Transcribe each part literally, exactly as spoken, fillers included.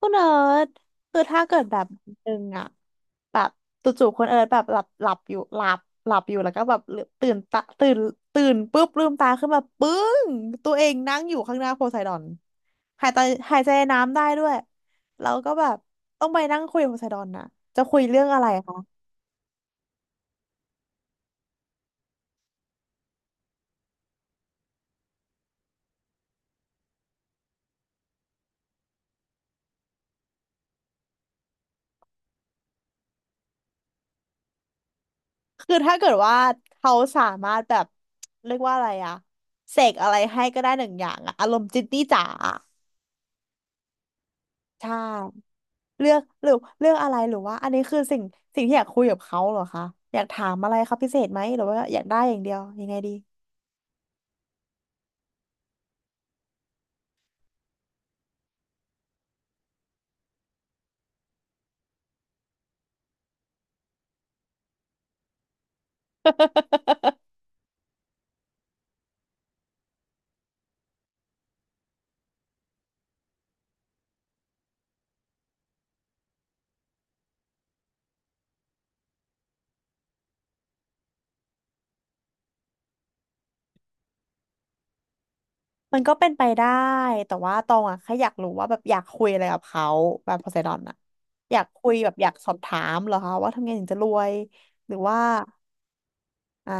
คุณเอิร์ธคือถ้าเกิดแบบวันหนึ่งอะแบบจู่ๆคุณเอิร์ธแบบหลับหลับอยู่หลับหลับอยู่แล้วก็แบบลืมตื่นตาตื่นตื่นปุ๊บลืมตาขึ้นมาปึ้งตัวเองนั่งอยู่ข้างหน้าโพไซดอนหายใจหายใจน้ำได้ด้วยแล้วก็แบบต้องไปนั่งคุยกับโพไซดอนนะจะคุยเรื่องอะไรคะคือถ้าเกิดว่าเขาสามารถแบบเรียกว่าอะไรอะเสกอะไรให้ก็ได้หนึ่งอย่างอะอารมณ์จินนี่จ๋า ใช่เลือกหรือเลือกอะไรหรือว่าอันนี้คือสิ่งสิ่งที่อยากคุยกับเขาเหรอคะอยากถามอะไรคขาพิเศษไหมหรือว่าอยากได้อย่างเดียวยังไงดี มันก็เป็นไปได้แต่ว่าตองอะแค่อยากรู้ว่าแบบอยากคุยอะไรกับเขาแบบโพไซดอนอะอยากคุยแบบอยากสอบถามเหรอคะว่าทำไงถึงจะรวยหรือว่าอ่า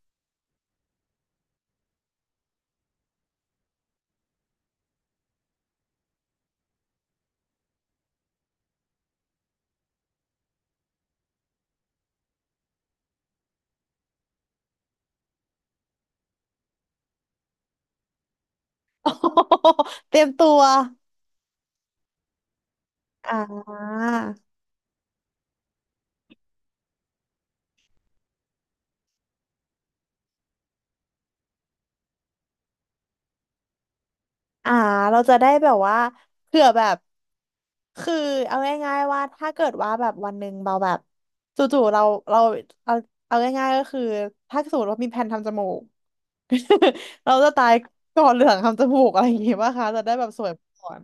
เตรียมตัวอ่า อ่าเราจะได้แบบว่าเผื่อแบบ คือเอาง่ายๆว่าถ้าเกิดว่าแบบวันหนึ่งเราแบบจู่ๆเราเราเอาเอาง่ายๆก็คือถ้าสมมติว่ามีแผนทำจมูก เราจะตายก่อนเหลืองทำจมูกอะไรอย่างงี้ป่ะคะจะได้แบบสวยก่อน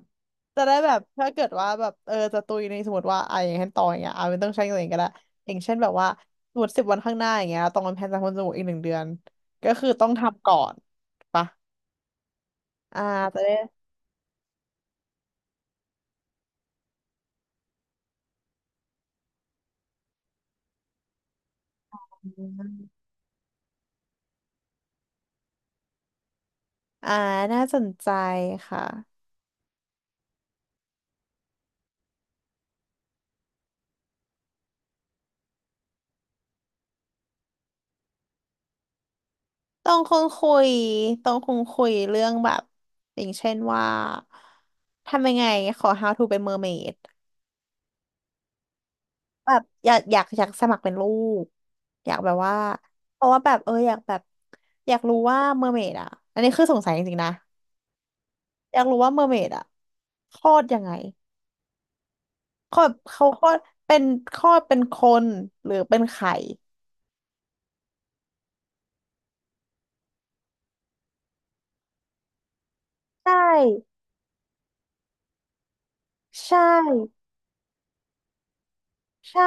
จะได้แบบถ้าเกิดว่าแบบเออจะตุยในสมมติว่าอ่ะอย่างเช่นตองอย่างเงี้ยอ่ะไม่ต้องใช้เงินก็ได้อย่างเช่นแบบว่าสมมติสิบวันข้างหน้าอย่างเงี้ยตองเป็นแผนทำจมูกอีกหนึ่งเดือนก็คือต้องทำก่อนปะอ่าจะได้ อ่าน่าสนใจค่ะต้องคงคุยต้องคงคุยเรื่องแบบอย่างเช่นว่าทำยังไงขอ how to เป็นเมอร์เมดแบบอยากอยากอยากสมัครเป็นลูกอยากแบบว่าเพราะว่าแบบเอออยากแบบอยากรู้ว่าเมอร์เมดอ่ะอันนี้คือสงสัยจริงๆนะอยากรู้ว่าเมอร์เมดอ่ะคลอดยังไงคลอดเขาคลอดเป็นคลอดเป็นคนหรือเป็นไข่ใช่ใช่ใช่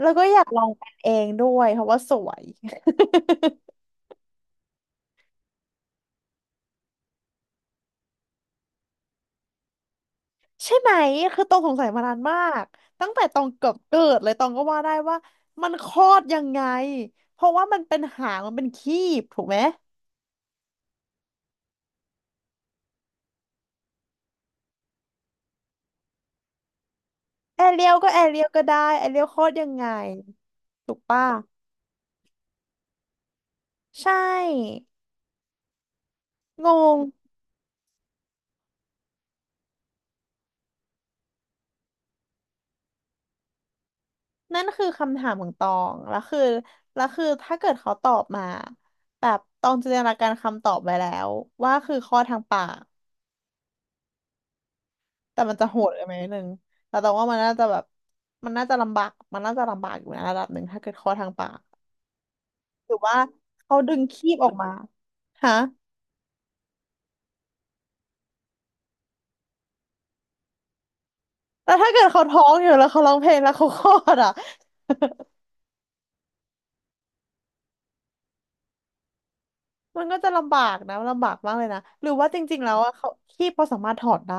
แล้วก็อยากลองเป็นเองด้วยเพราะว่าสวย ใช่ไหมคือตองสงสัยมานานมากตั้งแต่ตองเกือบเกิดเลยตองก็ว่าได้ว่ามันคลอดยังไงเพราะว่ามันเป็นหางมันเป็นครีบถูกไหมแอเรียลก็แอเรียลก็ได้แอเรียลคลอดยังไงถูกป่ะใช่งงนั่นคือคำถามของตองแล้วคือแล้วคือถ้าเกิดเขาตอบมาแบบตองจินตนาการคำตอบไว้แล้วว่าคือคลอดทางปาก แต่มันจะโหดกันไหมนดนึงแต่ตรงว่ามันน่าจะแบบมันน่าจะลำบากมันน่าจะลำบากอยู่นะระดับหนึ่งถ้าเกิดคลอดทางปากหรือว่าเขาดึงคีบออกมาฮะแต่ถ้าเกิดเขาท้องอยู่แล้วเขาร้องเพลงแล้วเขาคลอดอ่ะ มันก็จะลำบากนะลำบากมากเลยนะหรือว่าจริงๆแล้วอะเขาคีบเขาสามารถถอดได้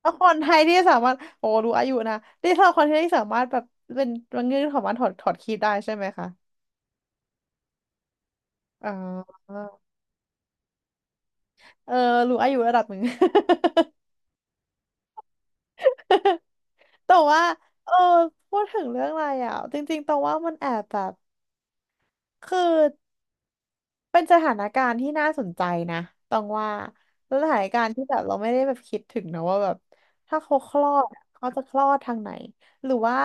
แล้วคนไทยที่สามารถโอ้รู้อายุนะที่เราคนไทยที่สามารถแบบเป็นมันเงื่อนของมันถอดถอดคีบได้ใช่ไหมคะอ๋อเออรู้อายุระดับหนึ่ง แต่ว่าเออพูดถึงเรื่องอะไรอ่ะจริงๆตองว่ามันแอบแบบคือเป็นสถานการณ์ที่น่าสนใจนะตองว่าแล้วสถานการณ์ที่แบบเราไม่ได้แบบคิดถึงนะว่าแบบถ้าเขาคลอดอะเขาจะคลอดทางไหนหรือว่า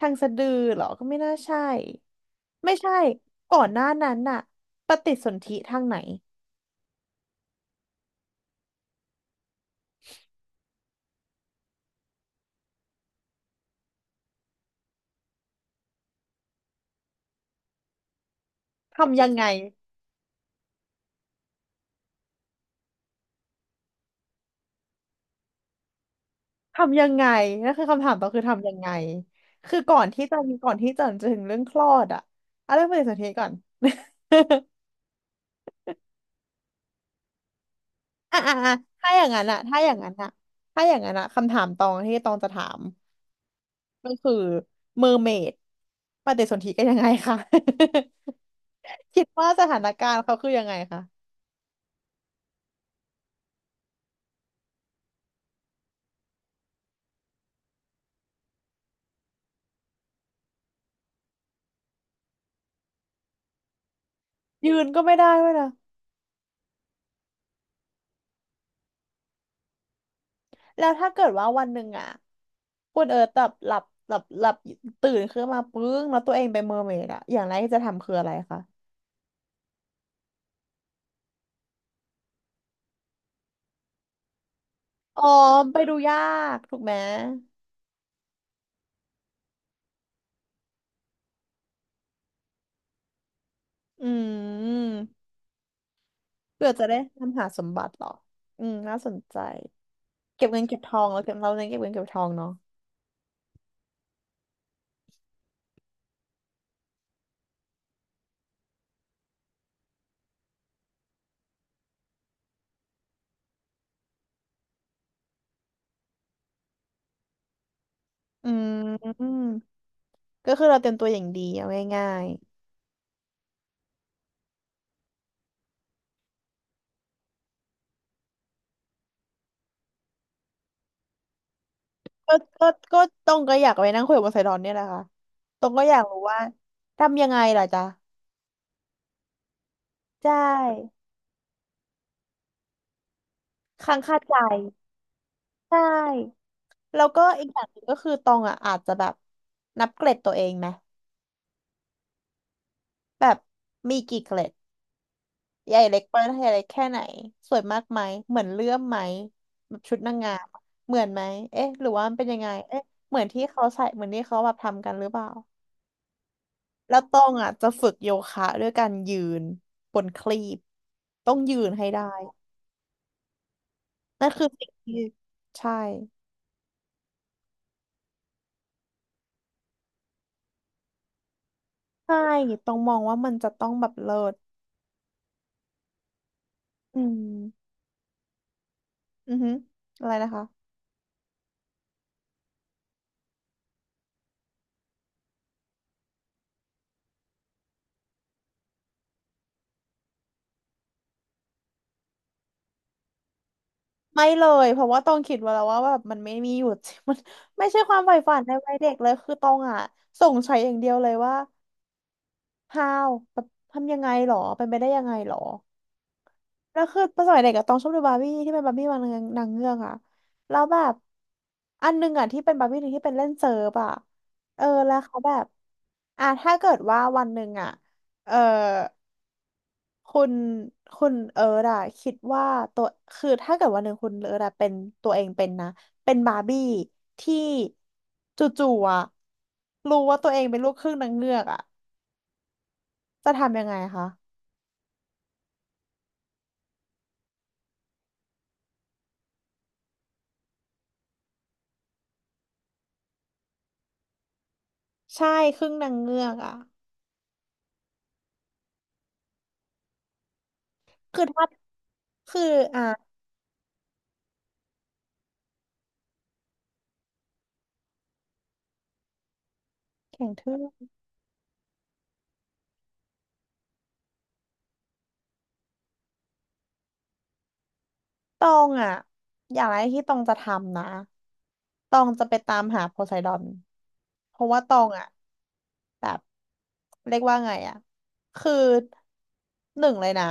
ทางสะดือเหรอก็ไม่น่าใช่ไม่ใช่ก่อนหน้านั้นน่ะปฏิสนธิทางไหนทำยังไง ทำยังไงนั่นคือคำถามต่อคือทำยังไงคือก่อนที่จะมีก่อนที่จะถึงเรื่องคลอดอะเอาเรื่องปฏิสนธิก่อน อ่ะอ่ะอ่ะถ้าอย่างนั้นอะถ้าอย่างนั้นอะถ้าอย่างนั้นอะคำถามตองที่ตองจะถามก็คือเมอร์เมดปฏิสนธิกันยังไงคะ คิดว่าสถานการณ์เขาคือยังไงคะยืนก็ไม่ได้ด้วยนะแล้วถ้าเกิดว่าวันหนึ่งอะคุณเอิร์ธแบบหลับหลับหลับตื่นขึ้นมาปึ้งแล้วตัวเองเป็นเมอร์เมดอะอย่างแรกที่จะทำคืออะไรคะ อ๋อไปดูยากถูกไหมอืมเพื่อจะได้ตามหาสมบัติเหรออืมน่าสนใจเก็บเงินเก็บทองเราเก็บเราเน้นเก็บเงินเก็บทองเนาะอืมก็คือเราเตรียมตัวอย่างดีเอาง่ายๆก็ก็ก็ตรงก็อยากไปนั่งคุยกับไซดอนเนี่ยแหละค่ะตรงก็อยากรู้ว่าทำยังไงล่ะจ๊ะใช่ค้างคาใจใช่แล้วก็อีกอย่างหนึ่งก็คือตองอ่ะอาจจะแบบนับเกรดตัวเองไหมแบบมีกี่เกรด ใหญ่เล็กประเทศเล็กแค่ไหนสวยมากไหมเหมือนเลื่อมไหมแบบชุดนางงามอะเหมือนไหมเอ๊ะหรือว่ามันเป็นยังไงเอ๊ะเหมือนที่เขาใส่เหมือนที่เขาแบบทำกันหรือเปล่าแล้วต้องอ่ะจะฝึกโยคะด้วยการยืนบนคลีปต้องยืนให้ได้นั่นคือสิ่งที่ใช่ใช่ต้องมองว่ามันจะต้องแบบเลิศอืมอือฮึอะไรนะคะ ไม่เลยเพราะว่าต้องคิดไว้แล้วว่าแบบมันไม่มีหยุด มันไม่ใช่ความใฝ่ฝันในวัยเด็กเลยคือต้องอ่ะสงสัยอย่างเดียวเลยว่า เฮา แบบทำยังไงหรอเป็นไปได้ยังไงหรอแล้วคือตอนสมัยเด็กอะต้องชอบดูบาร์บี้ที่เป็นบาร์บี้นางนางเงือกอะแล้วแบบอันหนึงอะที่เป็นบาร์บี้หนึ่งที่เป็นเล่นเซิร์ฟอะเออแล้วเขาแบบอ่ะถ้าเกิดว่าวันหนึ่งอะเออ คุณคุณเอิร์ธอะคิดว่าตัวคือถ้าเกิดวันหนึ่งคุณเอิร์ธอะเป็นตัวเองเป็นนะเป็นบาร์บี้ที่จู่ๆอะรู้ว่าตัวเองเป็นลูกครึ่งนางเงือกอะจะทำยังไงคะใช่ครึ่งนางเงือกอะคือถ้าคืออ่ะแข็งทื่อ ตองอ่ะอย่างแรกที่ตองจะทำนะตองจะไปตามหาโพไซดอนเพราะว่าตองอ่ะแบบเรียกว่าไงอ่ะคือหนึ่งเลยนะ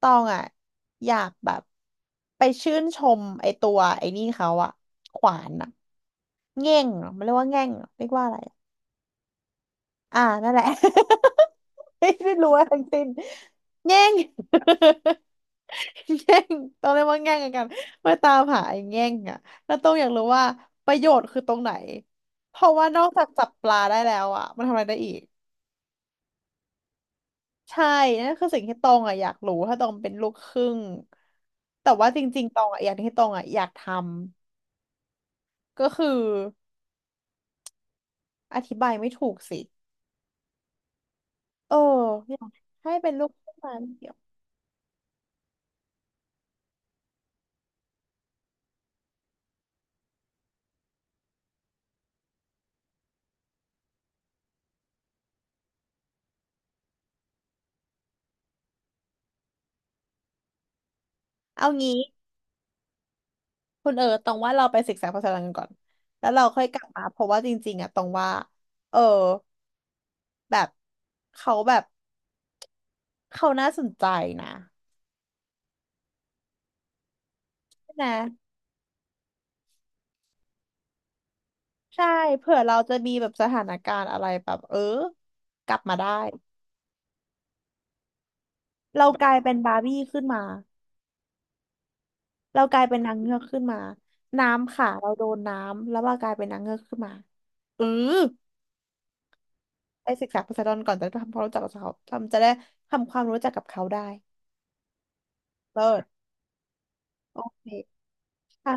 ตองอ่ะอยากแบบไปชื่นชมไอตัวไอ้นี่เขาอ่ะขวานอ่ะแง่งเหรอมันเรียกว่าแง่งเหรอเรียกว่าอะไร อ่านั่นแหละ ไม่ได้รู้อะไรทั้งสิ้นแง่ง แง่งต้องเรียกว่าแง่งกันมาตามหาไอ้แง่งอ่ะแล้วต้องอยากรู้ว่าประโยชน์คือตรงไหน เพราะว่านอกจากจับปลาได้แล้วอ่ะ มันทำอะไรได้อีก ใช่นั่นคือสิ่งที่ตองอ่ะอยากรู้ ถ้าตองเป็นลูกครึ่งแต่ว่าจริงๆตองอ่ะอย่างที่ตองอ่ะอยากทำก็คืออธิบายไม่ถูกสิเอออยากให้เป็นลูกครึ่งมาเดียวเอางี้ คุณเออตรงว่าเราไปศึกษาภาษาอังกฤษก่อนแล้วเราค่อยกลับมาเพราะว่าจริงๆอะตรงว่าเออแบบเขาแบบเขาน่าสนใจนะใช่ไหมใช่เผื่อเราจะมีแบบสถานการณ์อะไรแบบเออกลับมาได้เรากลายเป็นบาร์บี้ขึ้นมาเรากลายเป็นนางเงือกขึ้นมาน้ำค่ะเราโดนน้ำแล้วเรากลายเป็นนางเงือกขึ้นมาเออไปศึกษาภาษาอังกฤษก่อนจะได้ทำความรู้จักกับเขาทำจะได้ทำความรู้จักกับเขาได้เลิศโอเคใช่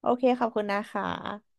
โอเคขอบคุณนะคะ